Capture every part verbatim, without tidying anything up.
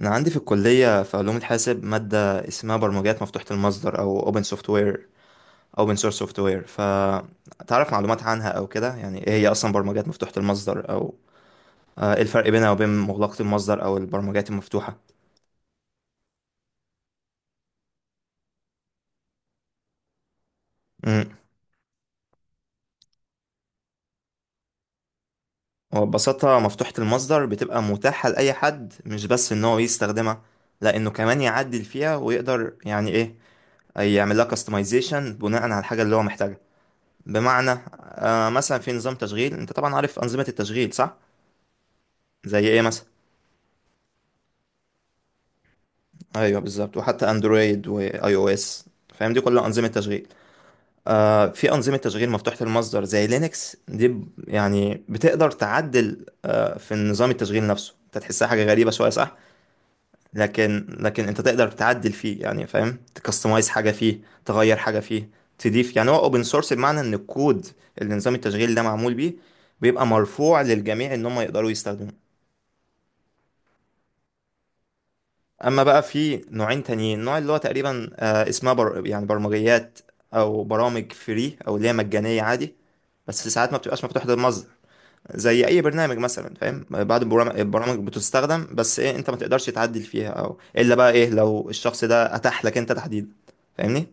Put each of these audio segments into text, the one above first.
أنا عندي في الكلية في علوم الحاسب مادة اسمها برمجيات مفتوحة المصدر أو open software open source software. فتعرف معلومات عنها أو كده، يعني إيه هي أصلا برمجيات مفتوحة المصدر أو آه، إيه الفرق بينها وبين مغلقة المصدر أو البرمجيات المفتوحة؟ امم وببساطة مفتوحة المصدر بتبقى متاحة لأي حد، مش بس إن هو يستخدمها لأنه كمان يعدل فيها ويقدر يعني إيه، يعمل لها customization بناء على الحاجة اللي هو محتاجها. بمعنى آه مثلا في نظام تشغيل، أنت طبعا عارف أنظمة التشغيل صح؟ زي ايه مثلا؟ ايوه بالظبط، وحتى اندرويد واي او اس. فاهم؟ دي كلها انظمه تشغيل. آه في انظمه تشغيل مفتوحه المصدر زي لينكس دي، ب- يعني بتقدر تعدل آه في نظام التشغيل نفسه. انت تحسها حاجه غريبه شويه صح؟ لكن لكن انت تقدر تعدل فيه يعني، فاهم؟ تكستمايز حاجه فيه، تغير حاجه فيه، تضيف. يعني هو اوبن سورس بمعنى ان الكود اللي نظام التشغيل ده معمول بيه بيبقى مرفوع للجميع ان هم يقدروا يستخدموه. اما بقى في نوعين تانيين. نوع اللي هو تقريبا آه، اسمها بر... يعني برمجيات او برامج فري، او اللي هي مجانيه عادي، بس ساعات ما بتبقاش مفتوحه للمصدر. زي اي برنامج مثلا، فاهم؟ بعض البرام- البرامج بتستخدم، بس ايه، انت ما تقدرش تعدل فيها، او الا بقى ايه لو الشخص ده اتاح لك انت تحديدا. فاهمني؟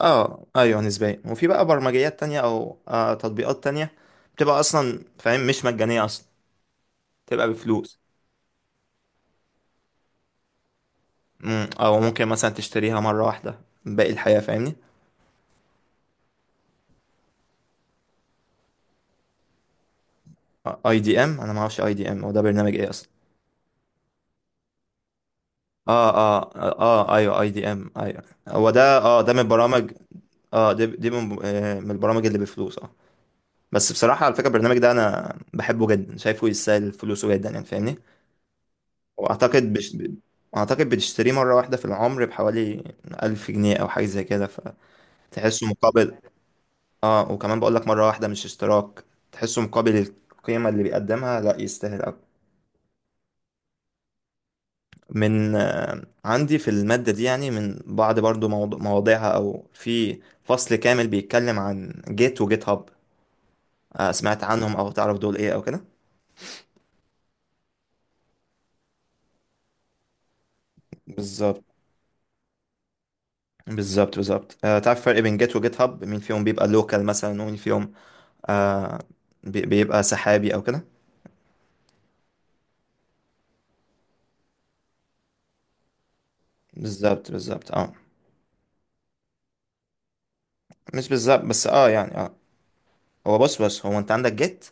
اه ايوه نسبيا. وفي بقى برمجيات تانية او آه تطبيقات تانية بتبقى اصلا، فاهم، مش مجانيه اصلا، بتبقى بفلوس. مم، او ممكن مثلا تشتريها مره واحده باقي الحياه، فاهمني؟ اي دي ام، انا ما اعرفش اي دي ام هو ده برنامج ايه اصلا. اه اه اه آه، ايوه اي دي ام ايوه، هو ده. اه ده من البرامج. اه دي دي من آه، من البرامج اللي بفلوس اه. بس بصراحة على فكرة البرنامج ده انا بحبه جدا، شايفه يستاهل فلوسه جدا يعني، فاهمني؟ واعتقد بش... ب- اعتقد بتشتريه مرة واحدة في العمر بحوالي ألف جنيه او حاجة زي كده، فتحسه مقابل. اه، وكمان بقول لك مرة واحدة مش اشتراك. تحسه مقابل القيمة اللي بيقدمها لا، يستاهل أوي. من عندي في المادة دي، يعني من بعض برضو موض- مواضيعها، أو في فصل كامل بيتكلم عن جيت وجيت هاب. آه، سمعت عنهم أو تعرف دول إيه أو كده؟ بالظبط. بالظبط بالظبط آه، تعرف الفرق بين جيت وجيت هاب، مين فيهم بيبقى لوكال مثلا ومين فيهم آه بي- بيبقى سحابي أو كده؟ بالظبط بالظبط اه. مش بالظبط، بس اه يعني اه. هو بص بص هو، انت عندك جيت.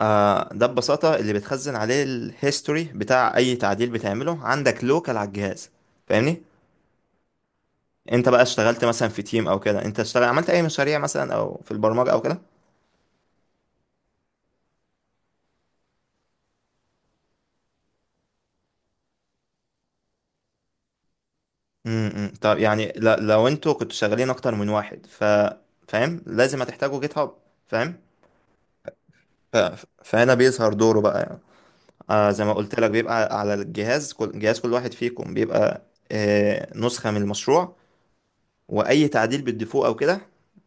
آه ده ببساطة اللي بتخزن عليه الهيستوري بتاع أي تعديل بتعمله عندك لوكال على الجهاز، فاهمني؟ انت بقى اشتغلت مثلا في تيم او كده، انت اشتغل عملت اي مشاريع مثلا او في البرمجة او كده؟ امم، طب يعني ل- لو انتوا كنتوا شغالين اكتر من واحد، ف، فاهم؟ لازم هتحتاجوا جيت هاب، فاهم؟ ف... فهنا بيظهر دوره بقى يعني. آه زي ما قلت لك بيبقى على الجهاز، كل جهاز كل واحد فيكم بيبقى آه نسخة من المشروع، واي تعديل بتضيفوه او كده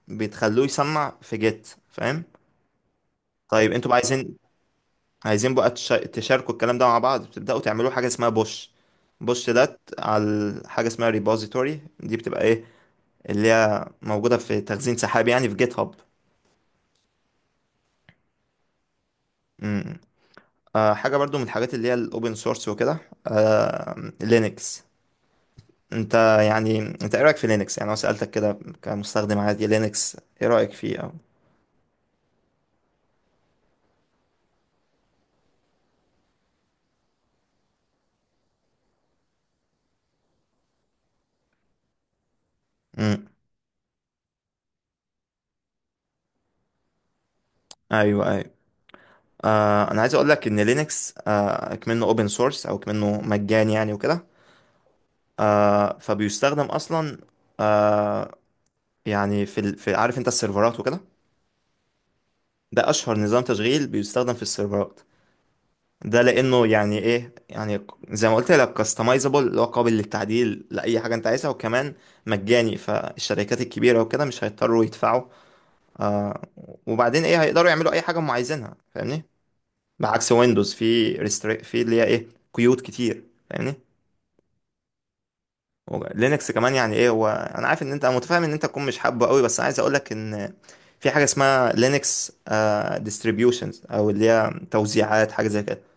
بتخلوه يسمع في جيت، فاهم؟ طيب انتوا بقى عايزين، عايزين بقى تشا- تشاركوا الكلام ده مع بعض، بتبدأوا تعملوا حاجة اسمها بوش. بوش ده على حاجة اسمها ريبوزيتوري، دي بتبقى ايه، اللي هي موجودة في تخزين سحابي يعني في جيت هاب. امم. آه حاجة برضو من الحاجات اللي هي الاوبن سورس وكده، آه لينكس. انت يعني، انت ايه رأيك في لينكس؟ يعني انا سألتك كده كمستخدم عادي لينكس، ايه رأيك فيه او؟ امم. ايوه ايوه. آه انا عايز اقول لك ان لينكس آه كمنه اوبن سورس او كمنه مجاني يعني وكده، آه فبيستخدم اصلا آه يعني في، ال... في، عارف انت السيرفرات وكده؟ ده اشهر نظام تشغيل بيستخدم في السيرفرات. ده لانه يعني ايه، يعني زي ما قلت لك كاستمايزابل، اللي هو قابل للتعديل لاي حاجه انت عايزها. وكمان مجاني، فالشركات الكبيره وكده مش هيضطروا يدفعوا آه وبعدين ايه، هيقدروا يعملوا اي حاجه هم عايزينها، فاهمني؟ بعكس ويندوز في ريستري، في اللي هي ايه، قيود كتير، فاهمني؟ لينكس كمان يعني ايه، هو انا عارف ان انت، انا متفاهم ان انت تكون مش حابه قوي، بس عايز اقولك ان في حاجه اسمها لينكس ديستريبيوشنز، او اللي هي توزيعات، حاجه زي كده.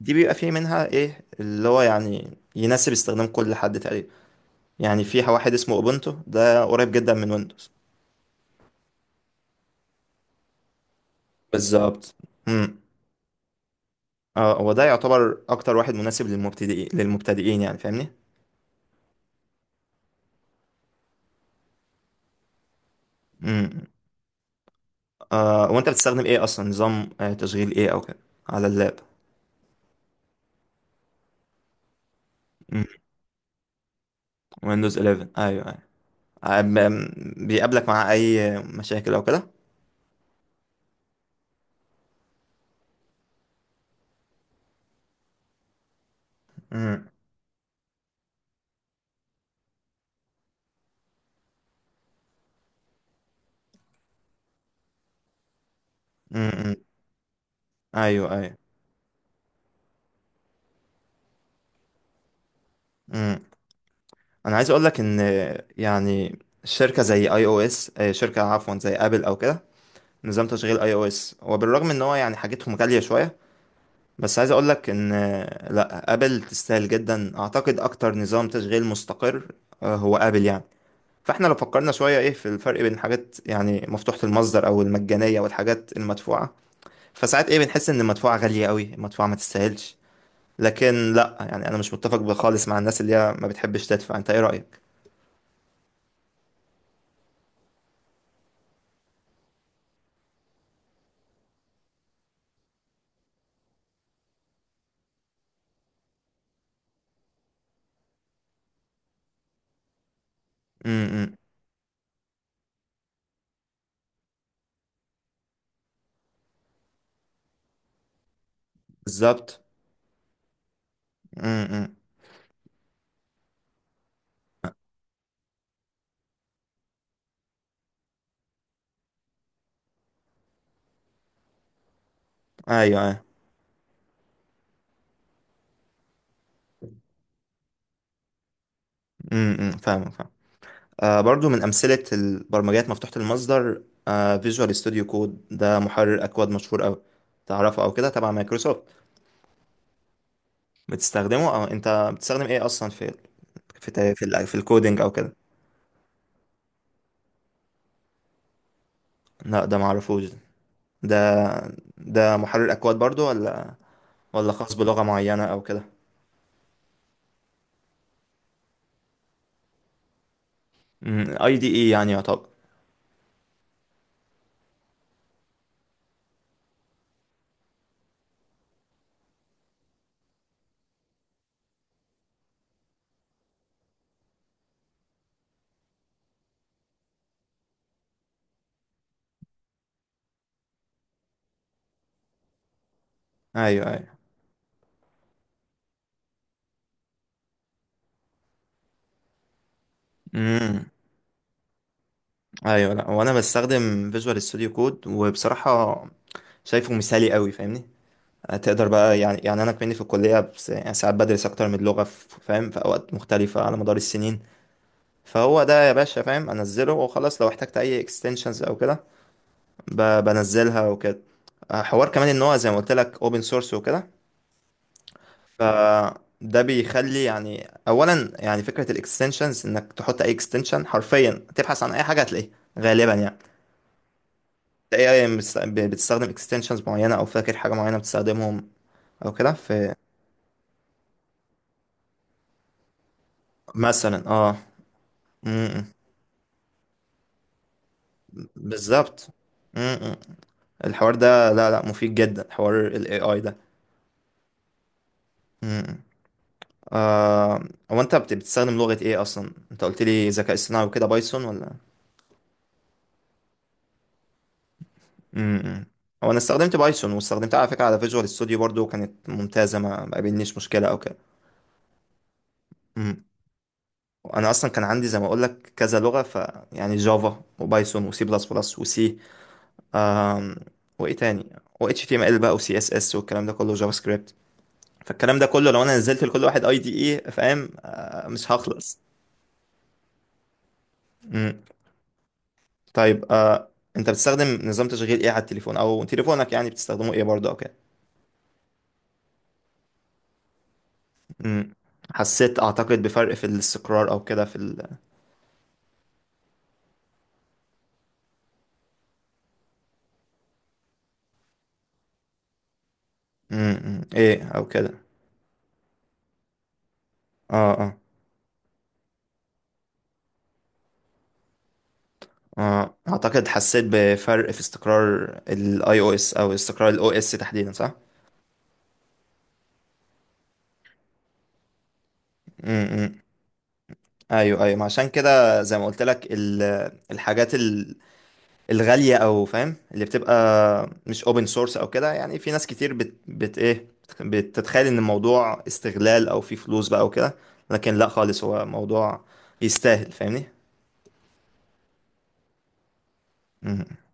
دي بيبقى في منها ايه اللي هو يعني يناسب استخدام كل حد تقريبا. يعني في واحد اسمه اوبونتو، ده قريب جدا من ويندوز. بالظبط. امم. اه هو ده يعتبر اكتر واحد مناسب للمبتدئين للمبتدئين يعني، فاهمني؟ امم. آه وانت بتستخدم ايه اصلا، نظام آه، تشغيل ايه او كده على اللاب؟ امم، ويندوز احداشر ايوه ايوه. أم- بيقابلك مع اي مشاكل او كده؟ امم. امم. ايوه ايوه. امم انا عايز اقول لك ان يعني شركه زي اي او اس شركه عفوا زي ابل او كده نظام تشغيل اي او اس وبالرغم ان هو يعني حاجتهم غاليه شويه بس عايز اقول لك ان آه، لا ابل تستاهل جدا اعتقد اكتر نظام تشغيل مستقر آه، هو ابل يعني فاحنا لو فكرنا شويه ايه في الفرق بين حاجات يعني مفتوحه المصدر او المجانيه والحاجات المدفوعه فساعات ايه بنحس ان المدفوعة غالية قوي المدفوعة ما تستاهلش لكن لا يعني انا مش متفق خالص مع الناس اللي هي ما بتحبش تدفع انت ايه رأيك امم بالظبط امم امم. ايوه ايوه امم فاهم فاهم. آه برضو من امثلة البرمجيات مفتوحة المصدر آه فيجوال ستوديو كود، ده محرر اكواد مشهور قوي، تعرفه او كده؟ تبع مايكروسوفت. بتستخدمه؟ او انت بتستخدم ايه اصلا في، في ت- في, ال- في الكودينج او كده؟ لا ده معرفوش ده. ده محرر اكواد برضو، ولا ولا خاص بلغة معينة أو كده؟ اي دي اي يعني يعتبر. ايوه ايوه. امم. ايوه لا، وانا بستخدم فيجوال ستوديو كود، وبصراحة شايفه مثالي قوي، فاهمني؟ آه، تقدر بقى يعني، يعني انا كمني في الكلية بس يعني ساعات بدرس اكتر من لغة في- فاهم، في اوقات مختلفة على مدار السنين. فهو ده يا باشا، فاهم، انزله وخلاص. لو احتجت اي اكستنشنز او كده ب- بنزلها وكده. آه، حوار كمان ان هو زي ما قلت لك اوبن سورس وكده، فده بيخلي يعني اولا يعني فكره الاكستنشنز انك تحط اي اكستنشن حرفيا، تبحث عن اي حاجه هتلاقيها غالبا يعني. تلاقي اي مس- ب- بتستخدم اكستنشنز معينه، او فاكر حاجه معينه بتستخدمهم او كده؟ في مثلا اه. م- م. بالظبط. م- م. الحوار ده لا لا، مفيد جدا حوار الاي اي ده. م- م. آه هو انت بت- بتستخدم لغه ايه اصلا؟ انت قلت لي ذكاء اصطناعي وكده، بايثون ولا؟ امم. هو انا استخدمت بايثون، واستخدمتها على فكره على فيجوال ستوديو برضو، كانت ممتازه، ما ما قابلنيش مشكله او كده. امم. انا اصلا كان عندي زي ما اقول لك كذا لغه، ف يعني جافا وبايثون وسي بلس بلس وسي، آم، وايه تاني، و اتش تي ام ال بقى وسي اس اس والكلام ده كله، جافا سكريبت. فالكلام ده كله لو انا نزلت لكل واحد اي دي اي، فاهم، آه، مش هخلص. امم. طيب آه، انت بتستخدم نظام تشغيل ايه على التليفون؟ او تليفونك يعني بتستخدمه ايه برضه او كده؟ امم. حسيت اعتقد بفرق في الاستقرار او كده في؟ امم. ايه او كده؟ اه اه اه اعتقد حسيت بفرق في استقرار الاي او اس، او استقرار الاو اس تحديدا صح؟ امم. امم. ايوه ايوه، ما عشان كده زي ما قلت لك ال- الحاجات ال- الغاليه او فاهم، اللي بتبقى مش اوبن سورس او كده، يعني في ناس كتير بت, بت ايه، بتتخيل ان الموضوع استغلال او في فلوس بقى او كده، لكن لا خالص، هو موضوع يستاهل، فاهمني؟ امم.